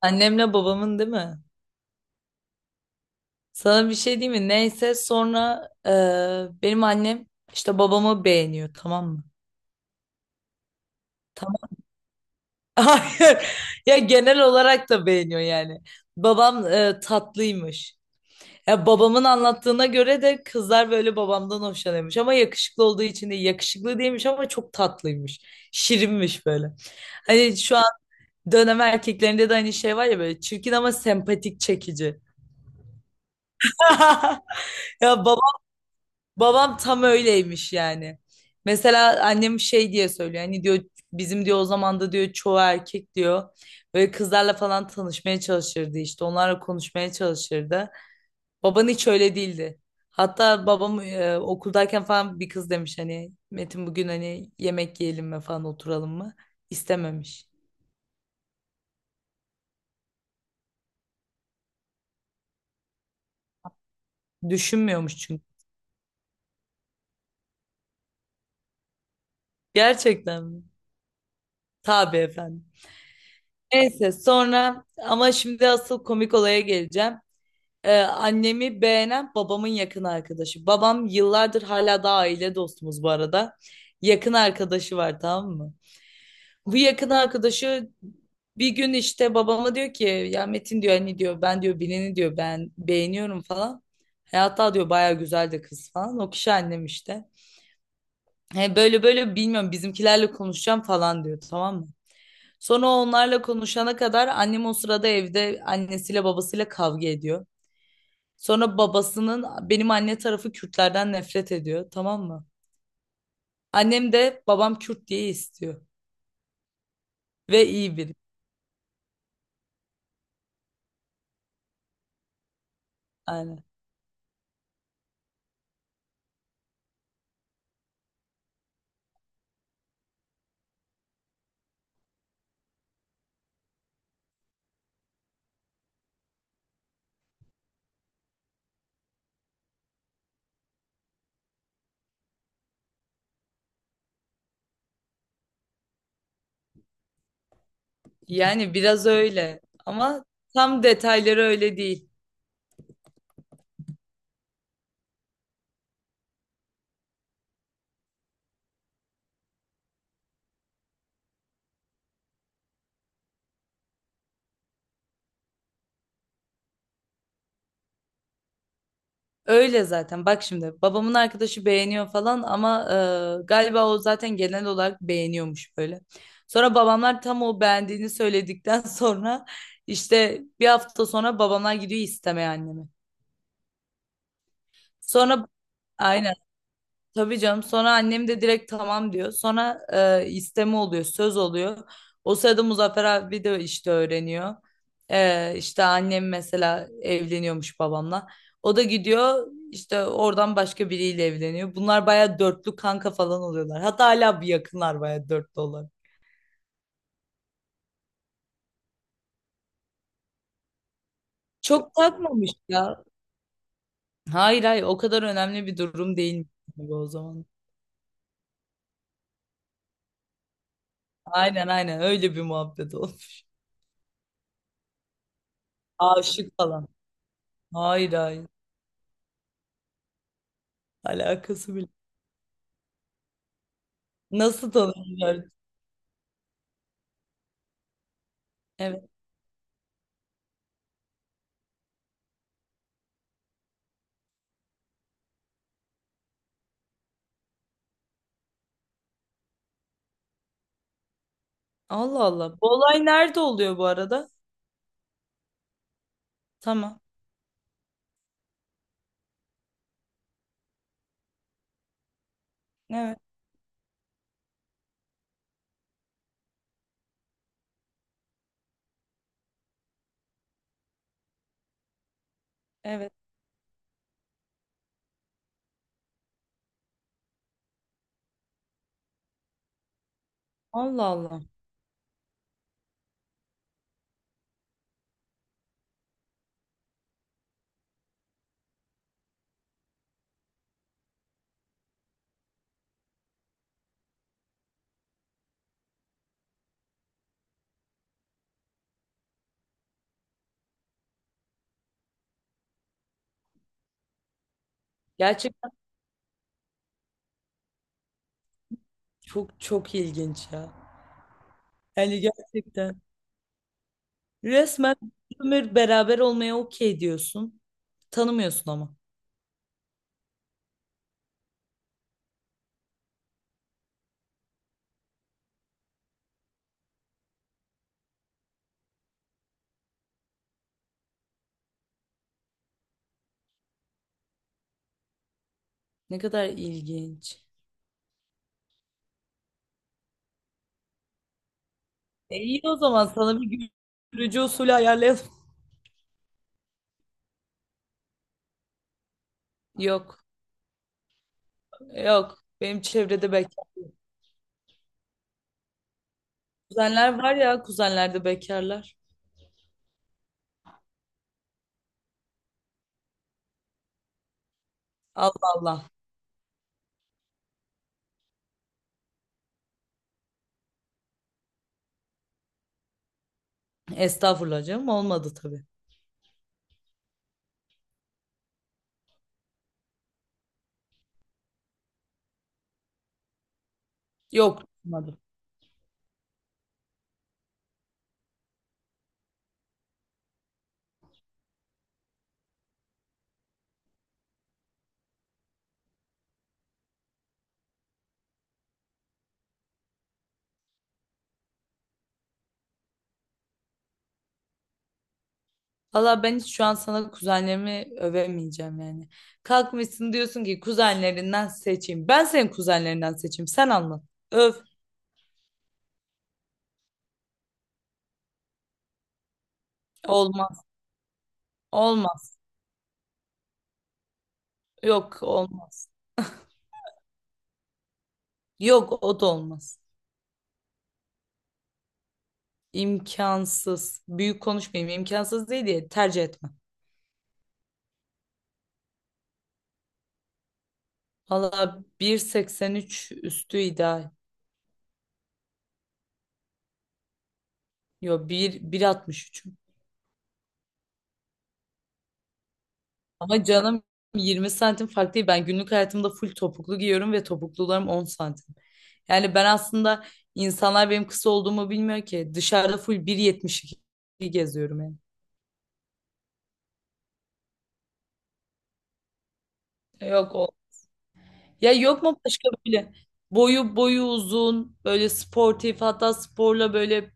Annemle babamın değil mi? Sana bir şey diyeyim mi? Neyse sonra benim annem işte babamı beğeniyor tamam mı? Tamam. Hayır. Ya genel olarak da beğeniyor yani. Babam tatlıymış. Ya babamın anlattığına göre de kızlar böyle babamdan hoşlanıyormuş ama yakışıklı olduğu için değil. Yakışıklı değilmiş ama çok tatlıymış. Şirinmiş böyle. Hani şu an dönem erkeklerinde de hani şey var ya böyle çirkin ama sempatik çekici. Ya babam. Babam tam öyleymiş yani. Mesela annem şey diye söylüyor. Hani diyor bizim diyor o zaman da diyor çoğu erkek diyor. Böyle kızlarla falan tanışmaya çalışırdı işte. Onlarla konuşmaya çalışırdı. Baban hiç öyle değildi. Hatta babam okuldayken falan bir kız demiş hani Metin bugün hani yemek yiyelim mi falan oturalım mı? İstememiş. Düşünmüyormuş çünkü. Gerçekten mi? Tabii efendim. Neyse sonra ama şimdi asıl komik olaya geleceğim. Annemi beğenen babamın yakın arkadaşı. Babam yıllardır hala daha aile dostumuz bu arada. Yakın arkadaşı var tamam mı? Bu yakın arkadaşı bir gün işte babama diyor ki ya Metin diyor hani diyor ben diyor Bilen'i diyor ben beğeniyorum falan. Hatta diyor baya güzel de kız falan. O kişi annem işte. He, böyle böyle bilmiyorum bizimkilerle konuşacağım falan diyor tamam mı? Sonra onlarla konuşana kadar annem o sırada evde annesiyle babasıyla kavga ediyor. Sonra babasının benim anne tarafı Kürtlerden nefret ediyor tamam mı? Annem de babam Kürt diye istiyor ve iyi biri. Yani, yani biraz öyle ama tam detayları öyle değil. Öyle zaten bak şimdi babamın arkadaşı beğeniyor falan ama galiba o zaten genel olarak beğeniyormuş böyle. Sonra babamlar tam o beğendiğini söyledikten sonra işte bir hafta sonra babamlar gidiyor istemeye annemi. Sonra Aynen. Tabii canım sonra annem de direkt tamam diyor. Sonra isteme oluyor, söz oluyor. O sırada Muzaffer abi de işte öğreniyor. İşte annem mesela evleniyormuş babamla. O da gidiyor işte oradan başka biriyle evleniyor. Bunlar baya dörtlü kanka falan oluyorlar. Hatta hala bir yakınlar baya dörtlü olarak. Çok takmamış ya. Hayır hayır o kadar önemli bir durum değil gibi o zaman. Aynen aynen öyle bir muhabbet olmuş. Aşık falan. Hayır hayır alakası bile. Nasıl tanımıyorlar? Evet. Allah Allah. Bu olay nerede oluyor bu arada? Tamam. Evet. Evet. Allah Allah. Gerçekten çok çok ilginç ya. Yani gerçekten. Resmen bir ömür beraber olmaya okey diyorsun. Tanımıyorsun ama. Ne kadar ilginç. E iyi o zaman sana bir görücü usulü ayarlayalım. Yok. Yok. Benim çevrede bekar. Kuzenler var ya kuzenlerde bekarlar. Allah Allah. Estağfurullah canım. Olmadı tabii. Yok. Olmadı. Valla ben hiç şu an sana kuzenlerimi övemeyeceğim yani. Kalkmışsın diyorsun ki kuzenlerinden seçeyim. Ben senin kuzenlerinden seçeyim. Sen anlat. Öv. Olmaz. Olmaz. Yok olmaz. Yok o da olmaz. İmkansız. Büyük konuşmayayım. İmkansız değil diye tercih etmem. Valla 1.83 üstü ideal. Yok 1.63. Ama canım 20 santim fark değil. Ben günlük hayatımda full topuklu giyiyorum ve topuklularım 10 santim. Yani ben aslında insanlar benim kısa olduğumu bilmiyor ki. Dışarıda full 1.72 geziyorum yani. Yok o. Ya yok mu başka böyle boyu uzun, böyle sportif hatta sporla böyle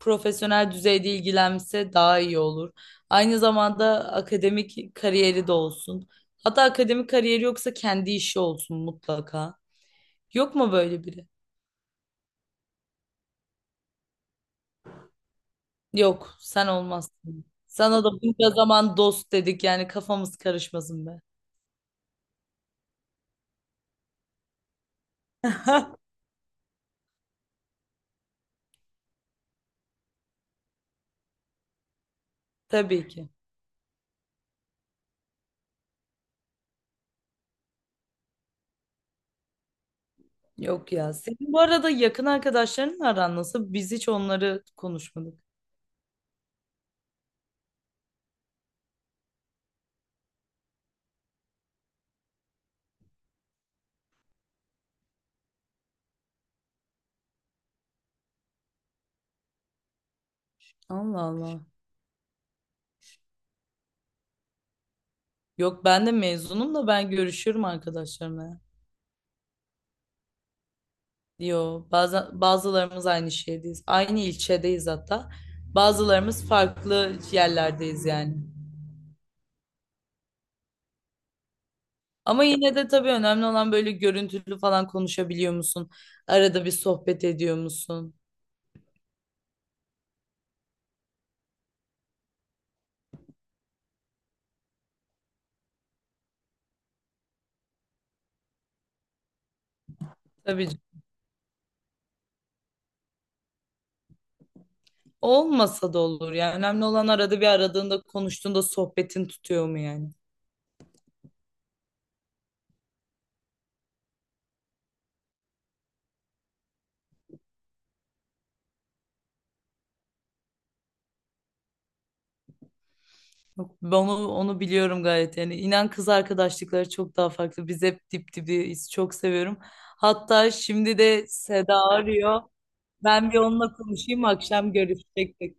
profesyonel düzeyde ilgilense daha iyi olur. Aynı zamanda akademik kariyeri de olsun. Hatta akademik kariyeri yoksa kendi işi olsun mutlaka. Yok mu böyle biri? Yok, sen olmazsın. Sana da bunca zaman dost dedik yani kafamız karışmasın be. Tabii ki. Yok ya. Senin bu arada yakın arkadaşlarınla aran nasıl? Biz hiç onları konuşmadık. Allah Allah. Yok ben de mezunum da ben görüşürüm arkadaşlarımla. Yo bazen bazılarımız aynı şehirdeyiz. Aynı ilçedeyiz hatta. Bazılarımız farklı yerlerdeyiz yani. Ama yine de tabii önemli olan böyle görüntülü falan konuşabiliyor musun? Arada bir sohbet ediyor musun? Tabii canım. Olmasa da olur yani. Önemli olan arada bir aradığında konuştuğunda sohbetin tutuyor mu yani? Yok, ben onu biliyorum gayet yani. İnan kız arkadaşlıkları çok daha farklı. Biz hep dip dibiyiz. Çok seviyorum. Hatta şimdi de Seda arıyor. Ben bir onunla konuşayım. Akşam görüşecektik.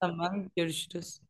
Tamam, görüşürüz.